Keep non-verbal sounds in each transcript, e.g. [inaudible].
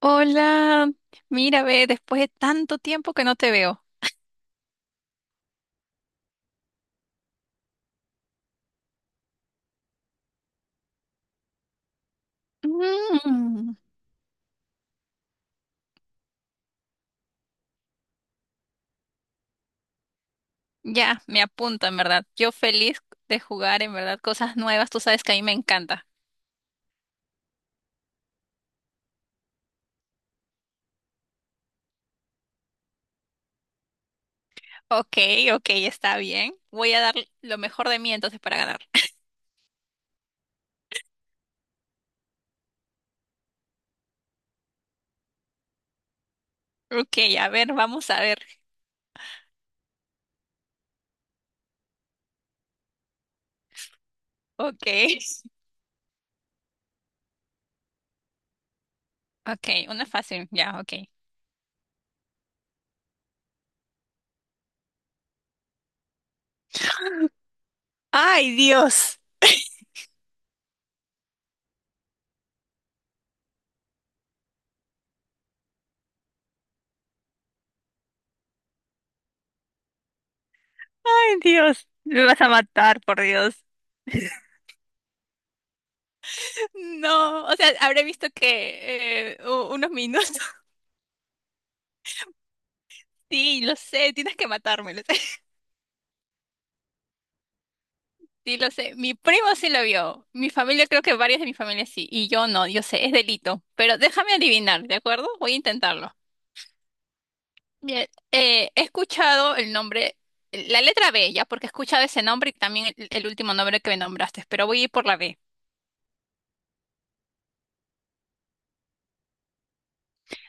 Hola, mira, ve, después de tanto tiempo que no te veo. Mm, ya, me apunta, en verdad. Yo feliz de jugar, en verdad, cosas nuevas. Tú sabes que a mí me encanta. Ok, ok, está bien. Voy a dar lo mejor de mí entonces para ganar. [laughs] Ok, a ver, vamos a ver. Ok. Ok, una fácil, ya, ok. [gasps] Ay, Dios. Ay, Dios. Me vas a matar, por Dios. [laughs] No, o sea, habré visto que unos minutos. Sí, lo sé, tienes que matarme, lo sé. [laughs] Sí, lo sé. Mi primo sí lo vio. Mi familia, creo que varios de mi familia sí. Y yo no, yo sé, es delito. Pero déjame adivinar, ¿de acuerdo? Voy a intentarlo. Bien, he escuchado el nombre, la letra B, ya, porque he escuchado ese nombre y también el último nombre que me nombraste, pero voy a ir por la B.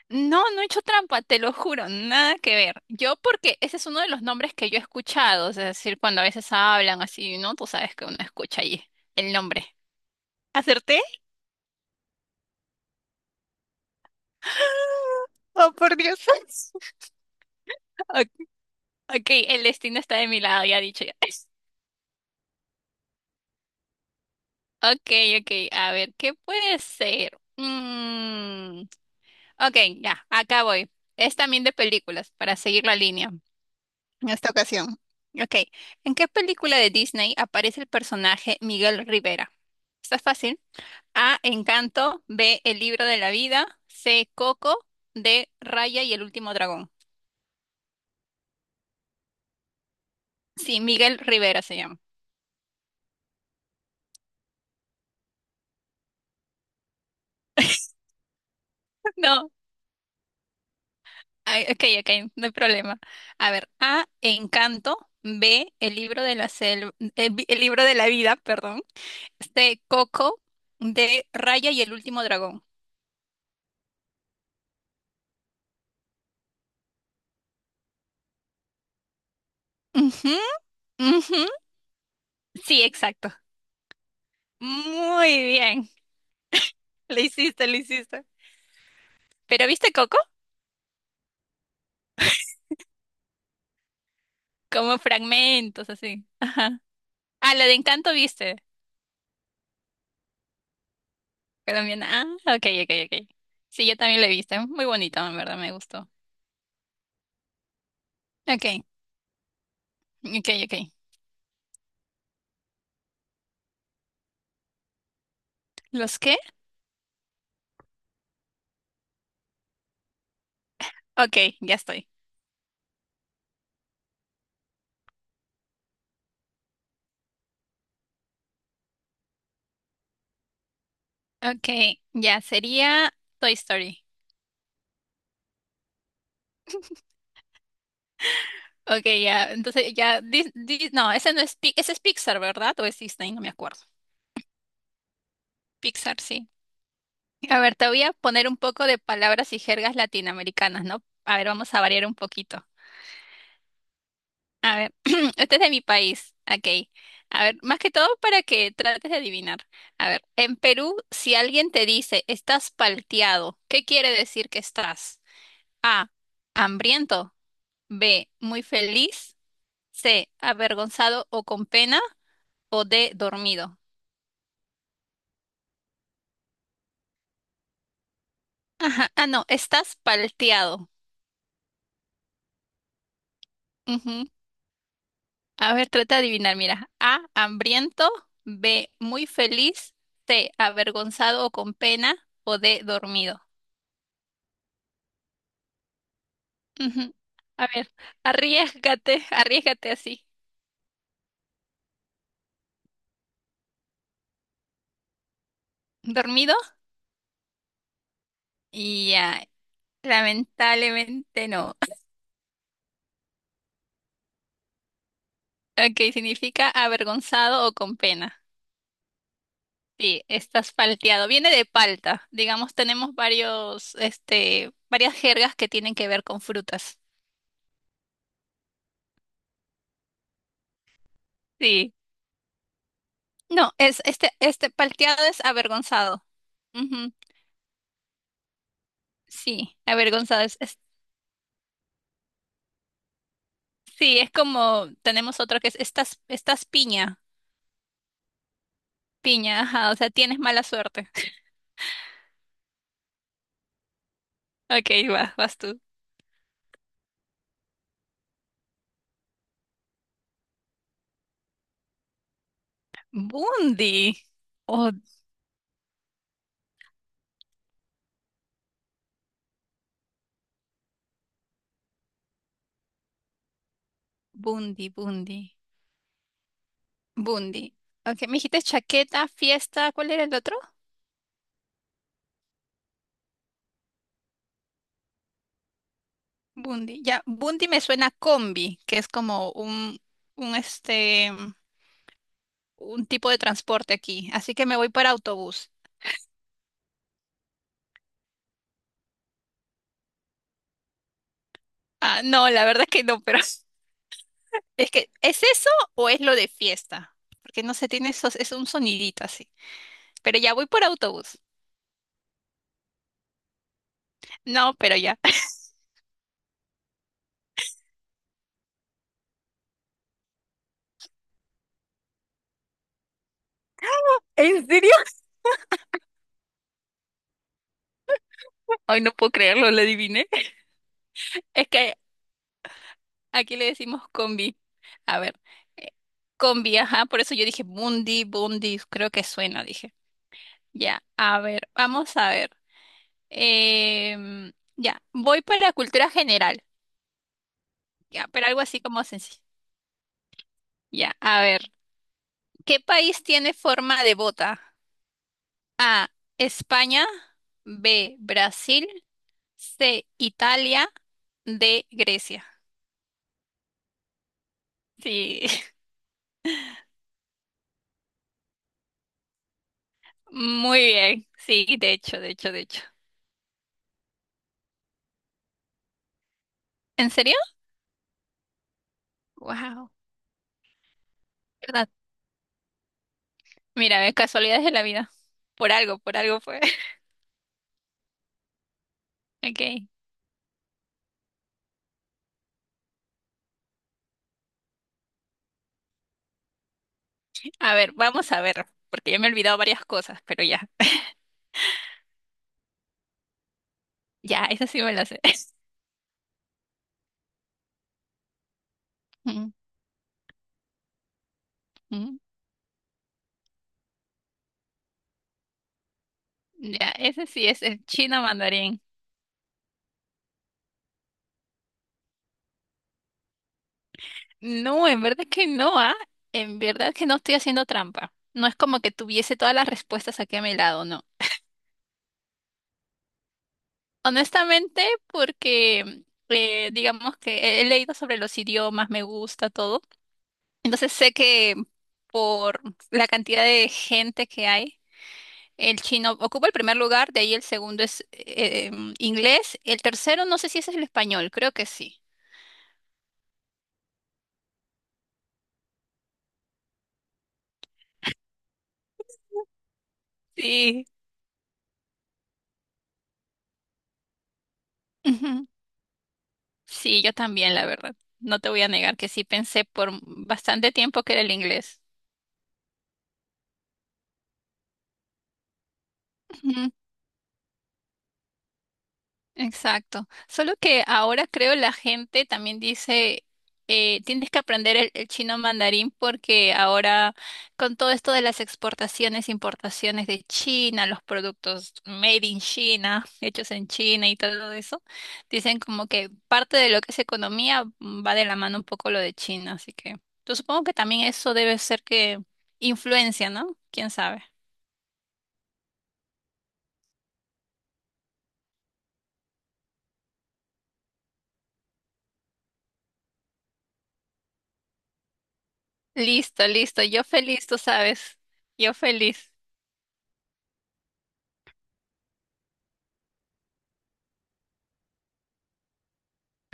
No, no he hecho trampa, te lo juro, nada que ver. Yo porque ese es uno de los nombres que yo he escuchado, es decir, cuando a veces hablan así, ¿no? Tú sabes que uno escucha ahí el nombre. ¿Acerté? Oh, por Dios. [laughs] Ok, ok, el destino está de mi lado, ya dicho ya. Ok, ok, a ver, ¿qué puede ser? Mm, ok, ya, acá voy. Es también de películas, para seguir la línea en esta ocasión. Ok, ¿en qué película de Disney aparece el personaje Miguel Rivera? Está fácil. A, Encanto, B, El libro de la vida, C, Coco, D, Raya y el último dragón. Sí, Miguel Rivera se llama. [laughs] No. Ay, ok, ok, no hay problema. A ver, A, Encanto, B, El libro de la selva, el libro de la vida, perdón, C, Coco, D, Raya y el último dragón. Ujú, ujú, sí, exacto. Muy bien, lo hiciste, lo hiciste. ¿Pero viste Coco? Como fragmentos, así. Ajá. Ah, la de Encanto viste, colombiana. Ah, ok, ok, ok. Sí, yo también la he visto, muy bonito, en verdad, me gustó. Ok, ok, ok. ¿Los qué? Ok, ya estoy. Okay, ya sería Toy Story. Okay, ya, entonces ya, no, ese no es, ese es Pixar, ¿verdad? O es Disney, no me acuerdo. Pixar, sí. A ver, te voy a poner un poco de palabras y jergas latinoamericanas, ¿no? A ver, vamos a variar un poquito. A ver, [clears throat] este es de mi país. Okay. A ver, más que todo para que trates de adivinar. A ver, en Perú, si alguien te dice estás palteado, ¿qué quiere decir que estás? A, hambriento. B, muy feliz. C, avergonzado o con pena. O D, dormido. Ajá. Ah, no, estás palteado. Ujú. A ver, trata de adivinar, mira. A, hambriento. B, muy feliz. C, avergonzado o con pena. O D, dormido. Ujú. A ver, arriesgate, [laughs] arriesgate así. ¿Dormido? Ya, lamentablemente no. [laughs] Ok, significa avergonzado o con pena. Sí, estás palteado. Viene de palta. Digamos, tenemos varios, este, varias jergas que tienen que ver con frutas. Sí. No, es este palteado es avergonzado. Ujú. Sí, avergonzado sí, es como tenemos otro que es estás piña. Piña, ajá, o sea, tienes mala suerte. [laughs] Ok, vas tú. Bundi. Oh, bundi, bundi. Bundi. Ok, me dijiste chaqueta, fiesta, ¿cuál era el otro? Bundi. Ya, Bundi me suena a combi, que es como un, este, un tipo de transporte aquí. Así que me voy para autobús. Ah, no, la verdad que no, pero [laughs] es que, ¿es eso o es lo de fiesta? Porque no se tiene esos, es un sonidito así. Pero ya voy por autobús. No, pero ya. [laughs] ¿En serio? Ay, no puedo creerlo, lo adiviné. [laughs] Es que aquí le decimos combi. A ver, eh, combi, ajá, por eso yo dije Bundi, Bundi, creo que suena, dije. Ya, a ver, vamos a ver. Ya, voy para cultura general. Ya, pero algo así como sencillo. Ya, a ver. ¿Qué país tiene forma de bota? A. España. B. Brasil. C. Italia. D. Grecia. Sí, [laughs] muy bien. Sí, de hecho, de hecho, de hecho. ¿En serio? Wow, ¿verdad? Mira, casualidades de la vida. Por algo fue. [laughs] Ok. A ver, vamos a ver, porque ya me he olvidado varias cosas, pero ya. [laughs] Ya, esa sí me la sé. Ujú, ya, ese sí es el chino mandarín. No, en verdad que no, ¿ah? En verdad que no estoy haciendo trampa. No es como que tuviese todas las respuestas aquí a mi lado, no. Honestamente, porque digamos que he leído sobre los idiomas, me gusta todo. Entonces sé que por la cantidad de gente que hay, el chino ocupa el primer lugar, de ahí el segundo es inglés, el tercero no sé si ese es el español, creo que sí. Sí. Sí, yo también, la verdad. No te voy a negar que sí pensé por bastante tiempo que era el inglés. Exacto. Solo que ahora creo la gente también dice, tienes que aprender el chino mandarín porque ahora con todo esto de las exportaciones, importaciones de China, los productos made in China, hechos en China y todo eso, dicen como que parte de lo que es economía, va de la mano un poco lo de China. Así que yo supongo que también eso debe ser que influencia, ¿no? ¿Quién sabe? Listo, listo. Yo feliz, tú sabes. Yo feliz.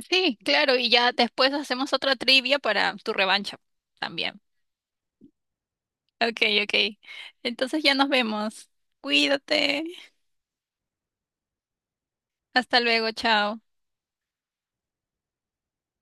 Sí, claro, y ya después hacemos otra trivia para tu revancha también. Ok, ok. Entonces ya nos vemos. Cuídate. Hasta luego, chao.